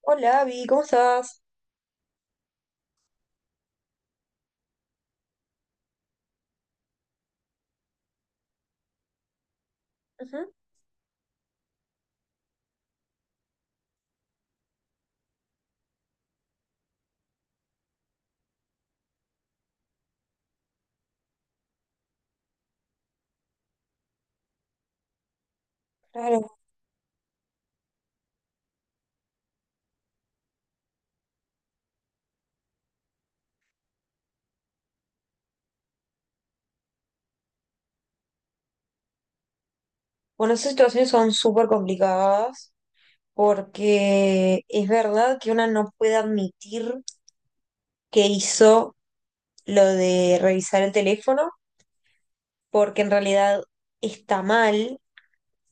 Hola, Abby, ¿cómo estás? Ujú. Claro. Bueno, esas situaciones son súper complicadas porque es verdad que una no puede admitir que hizo lo de revisar el teléfono porque en realidad está mal,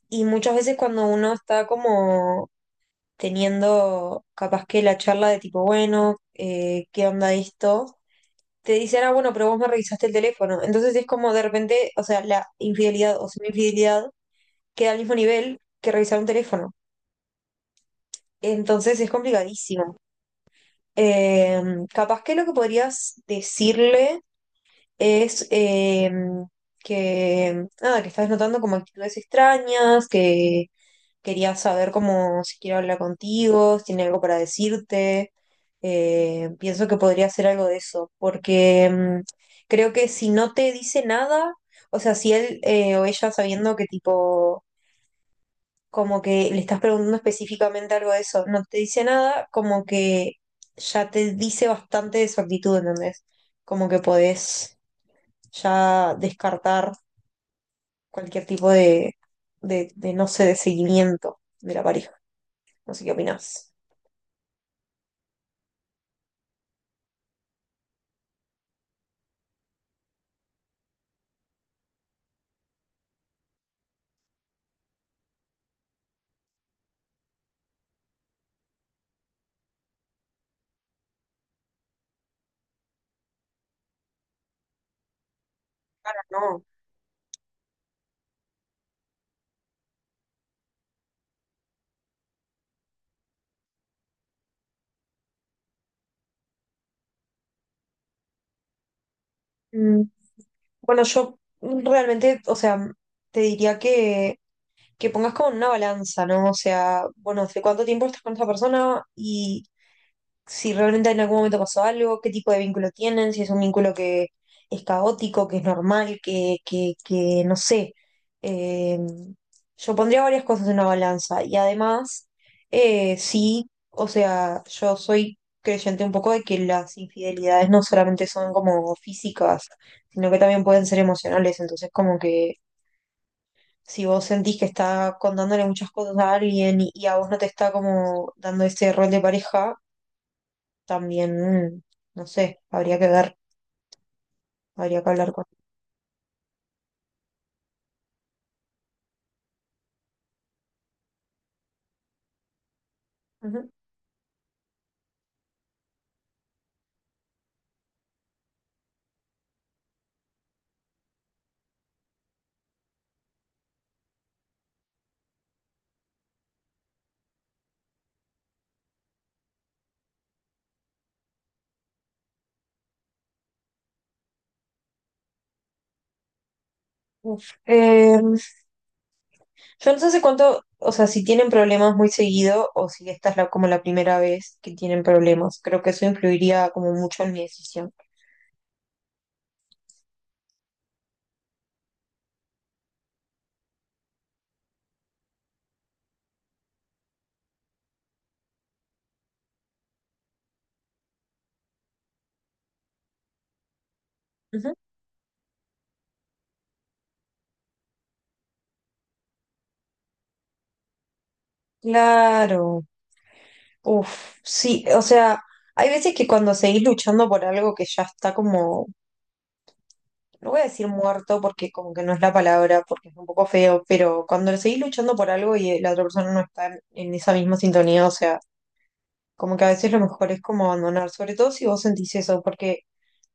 y muchas veces cuando uno está como teniendo capaz que la charla de tipo, bueno, ¿qué onda esto? Te dicen, ah, bueno, pero vos me revisaste el teléfono. Entonces es como de repente, o sea, la infidelidad o semi-infidelidad queda al mismo nivel que revisar un teléfono. Entonces es complicadísimo. Eh, Capaz que lo que podrías decirle es que, nada, que estás notando como actitudes extrañas, que querías saber cómo si quiere hablar contigo, si tiene algo para decirte. Pienso que podría ser algo de eso, porque creo que si no te dice nada, o sea, si él o ella sabiendo que tipo como que le estás preguntando específicamente algo de eso, no te dice nada, como que ya te dice bastante de su actitud, ¿entendés? Como que podés ya descartar cualquier tipo de, de, no sé, de seguimiento de la pareja. No sé qué opinás. Claro, no. Mm, Bueno, yo realmente, o sea, te diría que pongas como en una balanza, ¿no? O sea, bueno, ¿hace cuánto tiempo estás con esa persona? Y si realmente en algún momento pasó algo, qué tipo de vínculo tienen, si es un vínculo que es caótico, que es normal, que no sé. Eh, yo pondría varias cosas en una balanza y además, sí, o sea, yo soy creyente un poco de que las infidelidades no solamente son como físicas, sino que también pueden ser emocionales, entonces como que... Si vos sentís que está contándole muchas cosas a alguien y a vos no te está como dando ese rol de pareja, también, no sé, habría que ver, habría que hablar con Ujú. Uf. Yo no sé hace cuánto, o sea, si tienen problemas muy seguido o si esta es la, como la primera vez que tienen problemas. Creo que eso influiría como mucho en mi decisión. Ujú. Claro. Uf, sí, o sea, hay veces que cuando seguís luchando por algo que ya está como, no voy a decir muerto porque como que no es la palabra, porque es un poco feo, pero cuando seguís luchando por algo y la otra persona no está en esa misma sintonía, o sea, como que a veces lo mejor es como abandonar, sobre todo si vos sentís eso, porque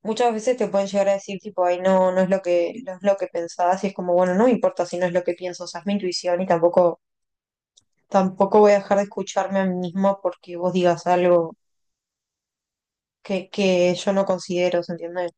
muchas veces te pueden llegar a decir tipo, ay, no, no es lo no es lo que pensabas, y es como, bueno, no me importa si no es lo que pienso, o sea, es mi intuición y tampoco voy a dejar de escucharme a mí mismo porque vos digas algo que yo no considero, ¿se entiende?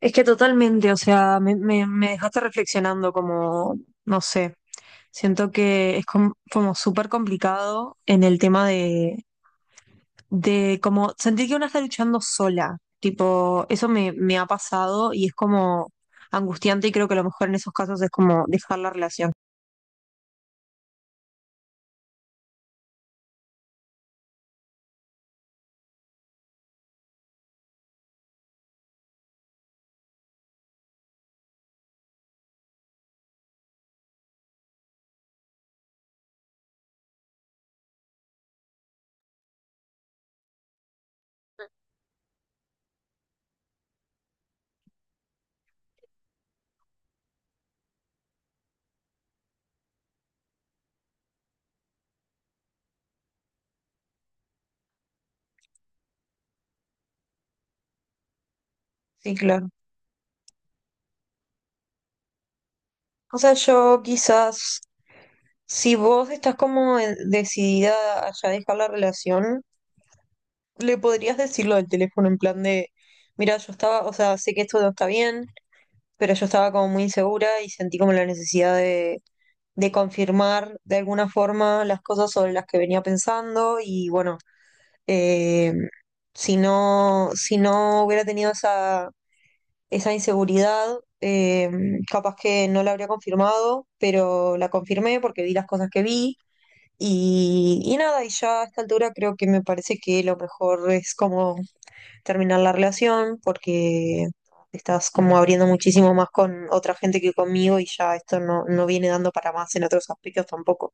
Es que totalmente, o sea, me dejaste reflexionando como, no sé, siento que es como súper complicado en el tema de como sentir que una está luchando sola, tipo, eso me ha pasado y es como angustiante, y creo que a lo mejor en esos casos es como dejar la relación. Sí, claro. O sea, yo quizás, si vos estás como decidida a ya dejar la relación, le podrías decirlo del teléfono en plan de, mira, yo estaba, o sea, sé que esto no está bien, pero yo estaba como muy insegura y sentí como la necesidad de confirmar de alguna forma las cosas sobre las que venía pensando y bueno, eh, si no, si no hubiera tenido esa, esa inseguridad, capaz que no la habría confirmado, pero la confirmé porque vi las cosas que vi y nada, y ya a esta altura creo que me parece que lo mejor es como terminar la relación porque estás como abriendo muchísimo más con otra gente que conmigo y ya esto no, no viene dando para más en otros aspectos tampoco.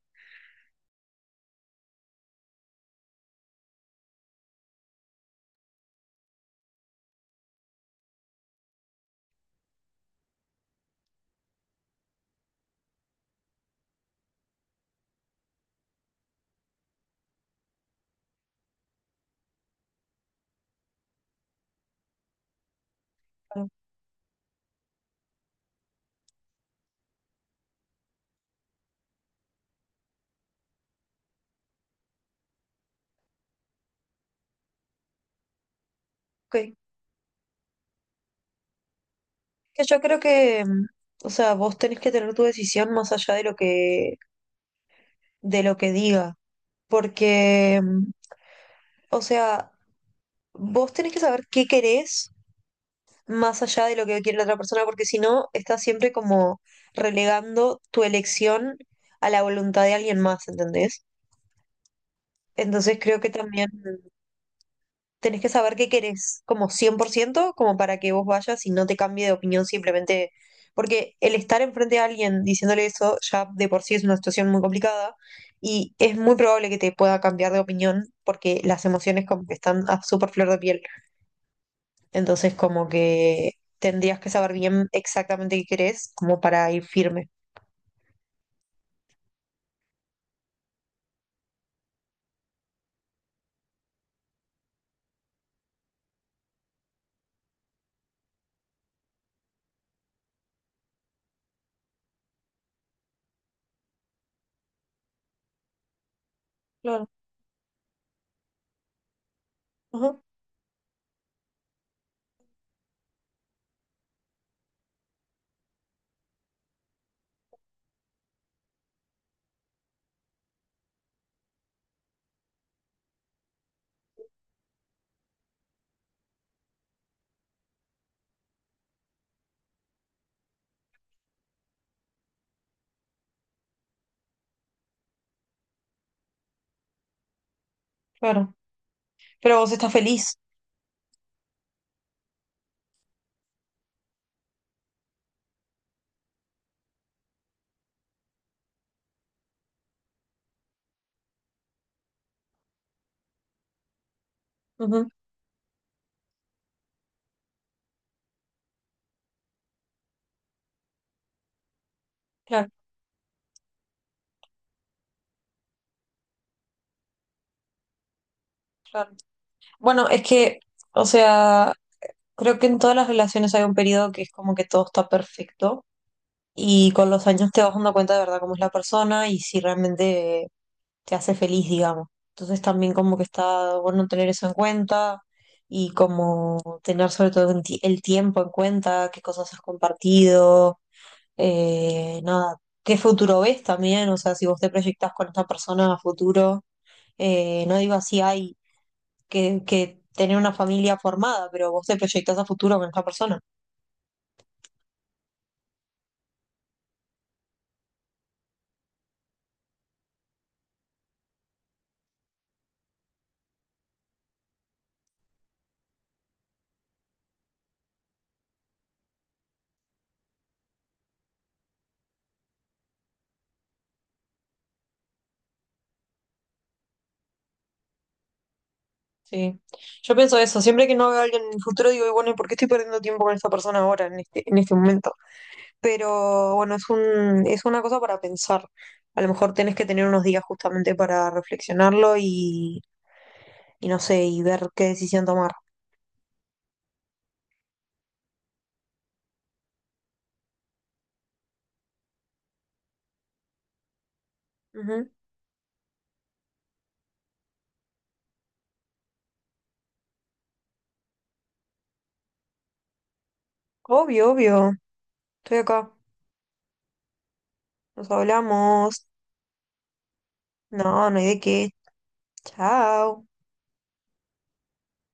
Que, que yo creo que, o sea, vos tenés que tener tu decisión más allá de lo que diga, porque, o sea, vos tenés que saber qué querés más allá de lo que quiere la otra persona, porque si no, estás siempre como relegando tu elección a la voluntad de alguien más, ¿entendés? Entonces creo que también tenés que saber qué querés, como cien por ciento, como para que vos vayas y no te cambie de opinión simplemente, porque el estar enfrente de alguien diciéndole eso ya de por sí es una situación muy complicada y es muy probable que te pueda cambiar de opinión porque las emociones como que están a súper flor de piel. Entonces, como que tendrías que saber bien exactamente qué querés, como para ir firme. Claro, ajá, claro. Pero vos estás feliz. Ujú, claro, claro. Bueno, es que, o sea, creo que en todas las relaciones hay un periodo que es como que todo está perfecto, y con los años te vas dando cuenta de verdad cómo es la persona y si realmente te hace feliz, digamos. Entonces también como que está bueno tener eso en cuenta y como tener sobre todo en el tiempo en cuenta, qué cosas has compartido, nada, qué futuro ves también, o sea, si vos te proyectás con esta persona a futuro, no digo así hay que tener una familia formada, pero vos te proyectás a futuro con esta persona, sí. Yo pienso eso, siempre que no veo a alguien en el futuro digo, "Y bueno, ¿y por qué estoy perdiendo tiempo con esta persona ahora, en este momento? Pero bueno, es es una cosa para pensar. A lo mejor tenés que tener unos días justamente para reflexionarlo y no sé, y ver qué decisión tomar. Ujú. Obvio, obvio. Estoy acá. Nos hablamos. No, no hay de qué. Chao.